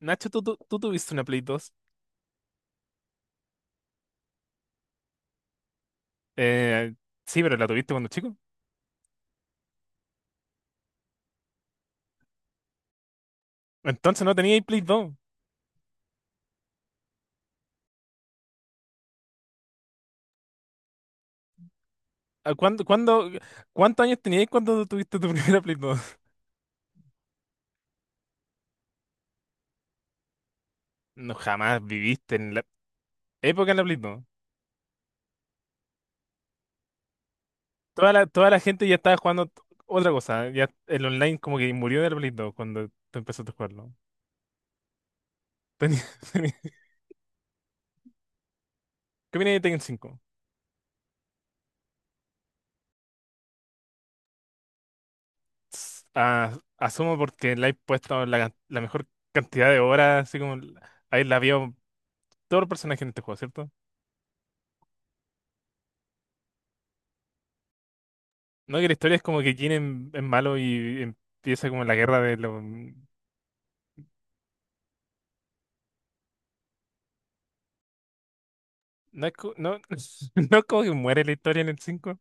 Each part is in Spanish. Nacho, tú tuviste una Play 2. Eh, sí, pero la tuviste cuando chico. Entonces no teníais Play 2. ¿A ¿Cuántos años teníais cuando tuviste tu primera Play 2? No, jamás viviste en la época de la Play 2. Toda la gente ya estaba jugando otra cosa. Ya el online como que murió de la Play 2 cuando tú empezaste a jugarlo. Tenía- tenía- ¿Qué viene de Tekken cinco? Asumo porque le he puesto la mejor cantidad de horas, así como ahí la vio todo el personaje en este juego, ¿cierto? No, que la historia es como que Jin es malo y empieza como la guerra de los. No, no es como que muere la historia en el cinco.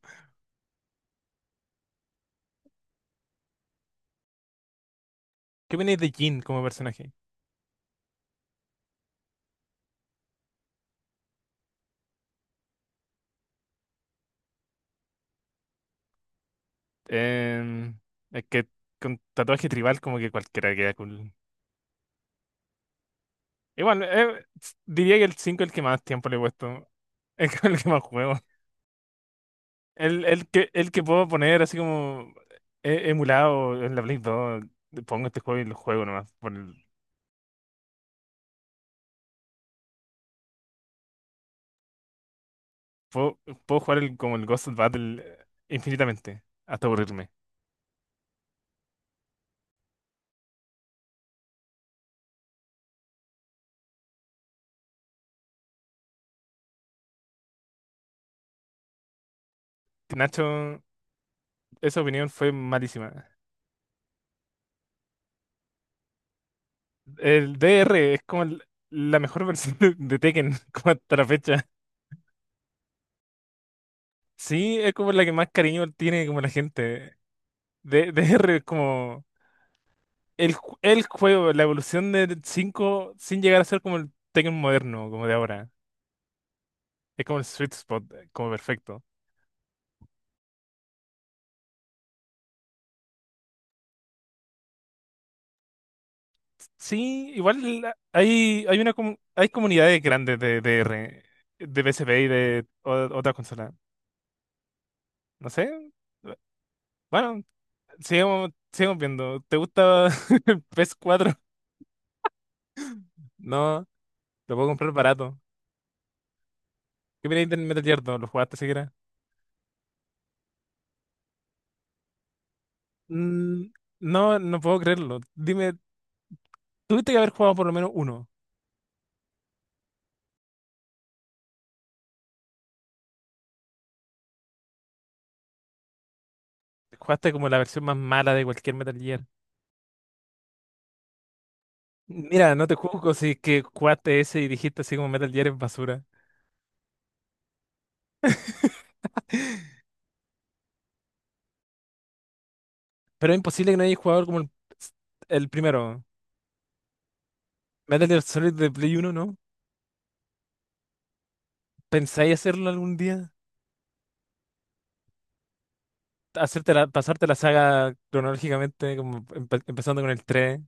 ¿Qué opinas de Jin como personaje? Em, es que con tatuaje tribal como que cualquiera queda cool. Igual, diría que el 5 es el que más tiempo le he puesto. Es con el que más juego. El que puedo poner así como emulado en la Play 2. Pongo este juego y lo juego nomás. Puedo, puedo jugar como el Ghost Battle, infinitamente, hasta aburrirme. Nacho, esa opinión fue malísima. El DR es como la mejor versión de, Tekken, como hasta la fecha. Sí, es como la que más cariño tiene como la gente. DR es como el juego, la evolución del 5 sin llegar a ser como el Tekken moderno, como de ahora. Es como el sweet spot, como perfecto. Sí, igual hay comunidades grandes de PSP y de otras consolas. No sé. Bueno, sigamos viendo. ¿Te gusta el PES 4? No, lo puedo comprar barato. ¿Qué opináis del Metal Gear 2? ¿Lo jugaste siquiera? Mm, no, no puedo creerlo. Dime, tuviste que haber jugado por lo menos uno. Jugaste como la versión más mala de cualquier Metal Gear. Mira, no te juzgo si es que jugaste ese y dijiste así como Metal Gear es basura. Pero es imposible que no haya jugado como el primero. Metal Gear Solid de Play uno, ¿no? ¿Pensáis hacerlo algún día? Hacerte pasarte la saga cronológicamente, como empezando con el 3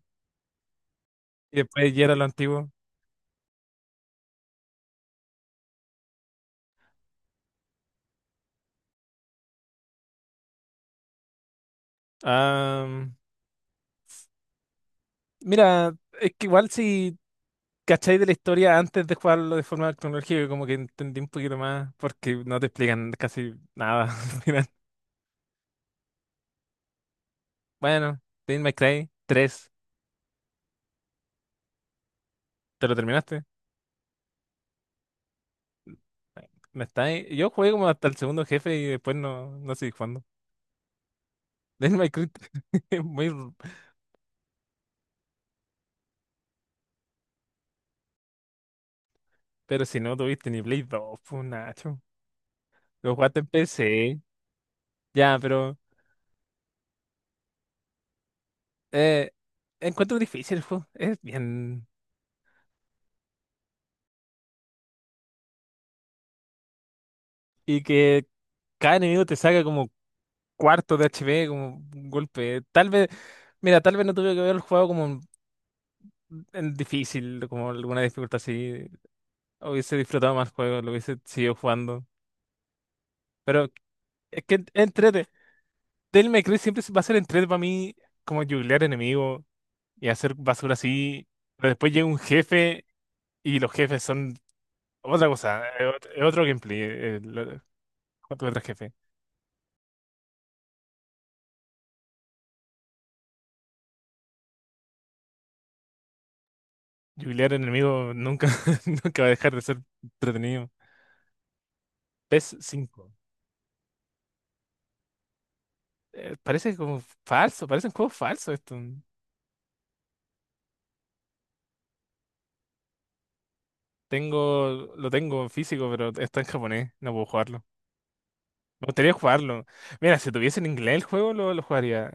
y después ya era lo antiguo. Ah, mira, es que igual si cacháis de la historia antes de jugarlo de forma cronológica, como que entendí un poquito más, porque no te explican casi nada al final. Bueno, Devil May Cry 3, ¿te lo terminaste? ¿Me estáis? Yo jugué como hasta el segundo jefe y después no seguí jugando. Del Minecraft es muy. Pero si no tuviste ni Play 2, pues Nacho. Lo jugaste en PC. Ya, pero. Eh, Encuentro difícil el juego. Es bien. Y que cada enemigo te saca como cuarto de HP, como un golpe. Tal vez. Mira, tal vez no tuve que haber jugado como en difícil, como alguna dificultad así. Hubiese disfrutado más el juego, lo hubiese seguido jugando. Pero es que entrete. Del May Cry siempre va a ser entrete para mí como jubilear enemigos. Y hacer basura así. Pero después llega un jefe y los jefes son otra cosa, es otro gameplay. Otro jefe. Jubilear enemigo nunca, nunca va a dejar de ser entretenido. PES cinco. Parece como falso, parece un juego falso esto. Lo tengo en físico, pero está en japonés, no puedo jugarlo. Me gustaría jugarlo. Mira, si tuviese en inglés el juego, lo jugaría.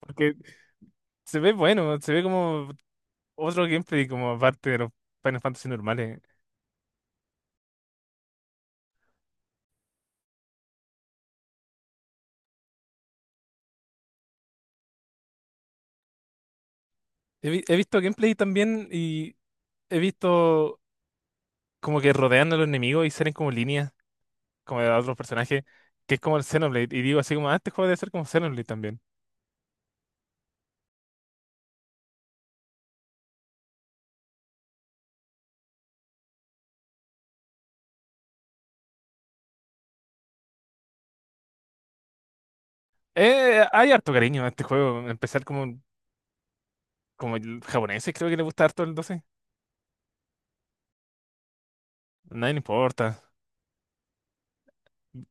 Porque se ve bueno, se ve como otro gameplay, como aparte de los Final Fantasy normales. He visto gameplay también y he visto como que rodean a los enemigos y salen como líneas, como de otros personajes, que es como el Xenoblade. Y digo así como, ah, este juego debe ser como Xenoblade también. Hay harto cariño a este juego. Empezar como el japonés, creo que le gusta harto el doce. Nadie le importa.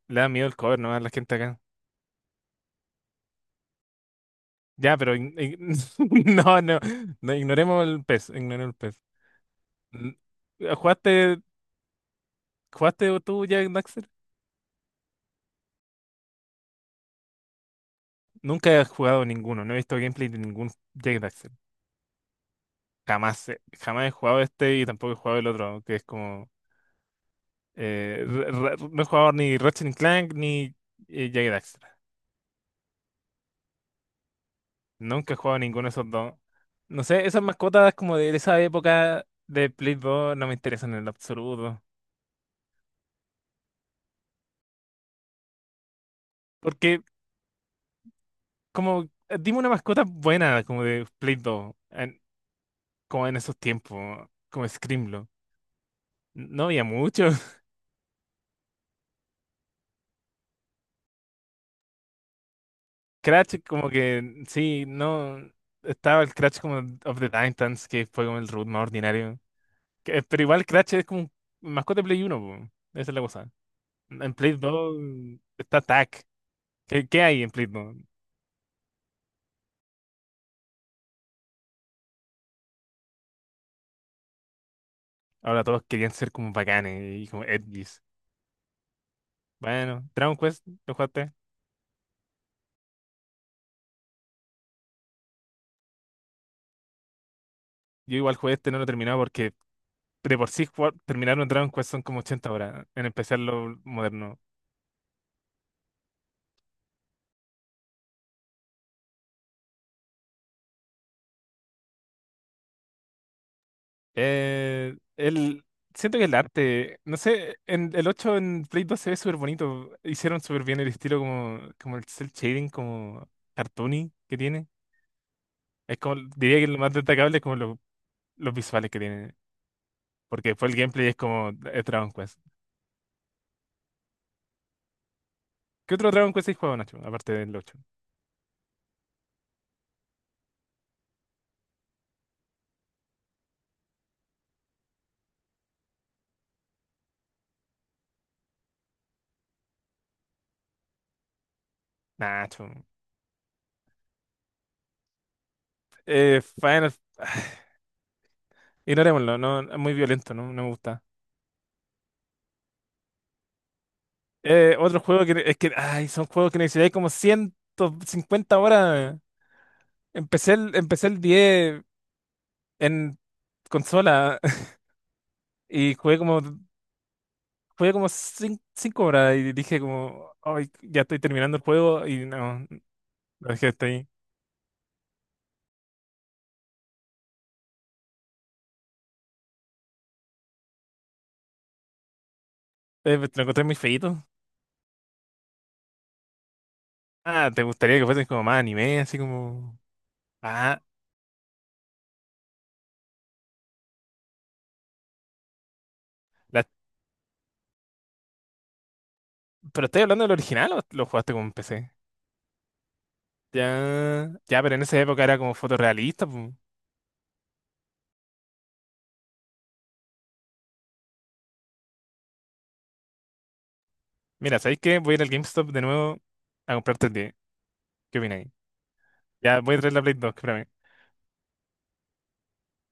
Le da miedo el cover, ¿no? A la gente acá. Ya, pero no, no, no, ignoremos el pez, ignoremos el pez. N- ¿Jugaste, jugaste tú Jack Daxter? Nunca he jugado ninguno, no he visto gameplay de ningún Jack. Jamás he jugado este y tampoco he jugado el otro, que es como. No he jugado ni Ratchet and Clank ni Jagged Daxter. Nunca he jugado ninguno de esos dos. No sé, esas mascotas como de esa época de Play 2 no me interesan en lo absoluto. Porque como, dime una mascota buena como de Play 2, como en esos tiempos, como Screamlo. No había mucho. Crash como que, sí, no. Estaba el Crash como of the Titans, que fue como el root más ordinario. Pero igual Crash es como un mascota de Play uno po. Esa es la cosa. En Play 2 está Tac. ¿Qué hay en Play dos? Ahora todos querían ser como bacanes y como edgys. Bueno, Dragon Quest, ¿lo jugaste? Yo igual jugué este, no lo he terminado porque de por sí terminar un Dragon Quest son como 80 horas, en especial lo moderno. Eh, el, Siento que el arte, no sé, en el 8 en Play 2 se ve súper bonito. Hicieron súper bien el estilo como el cel shading, como cartoony que tiene. Es como, diría que lo más destacable es como los visuales que tiene. Porque fue el gameplay es como Dragon Quest. ¿Qué otro Dragon Quest hay jugado, Nacho? Aparte del ocho. Nacho. Final. Ignorémoslo, no, es muy violento, no, no me gusta. Otro juego que es que, ay, son juegos que necesitáis como 150 horas. Empecé el 10 en consola y jugué como 5 horas y dije como, ay, ya estoy terminando el juego y no, lo dejé hasta ahí. Te lo encontré muy feíto. Ah, ¿te gustaría que fuesen como más anime, así como. Ah, la- ¿pero estoy hablando del original o lo jugaste con PC? Ya, ya, pero en esa época era como fotorrealista, pu. Mira, ¿sabéis qué? Voy a ir al GameStop de nuevo a comprarte el 10. ¿Qué opináis? Ya, voy a traer la Play 2, que para mí.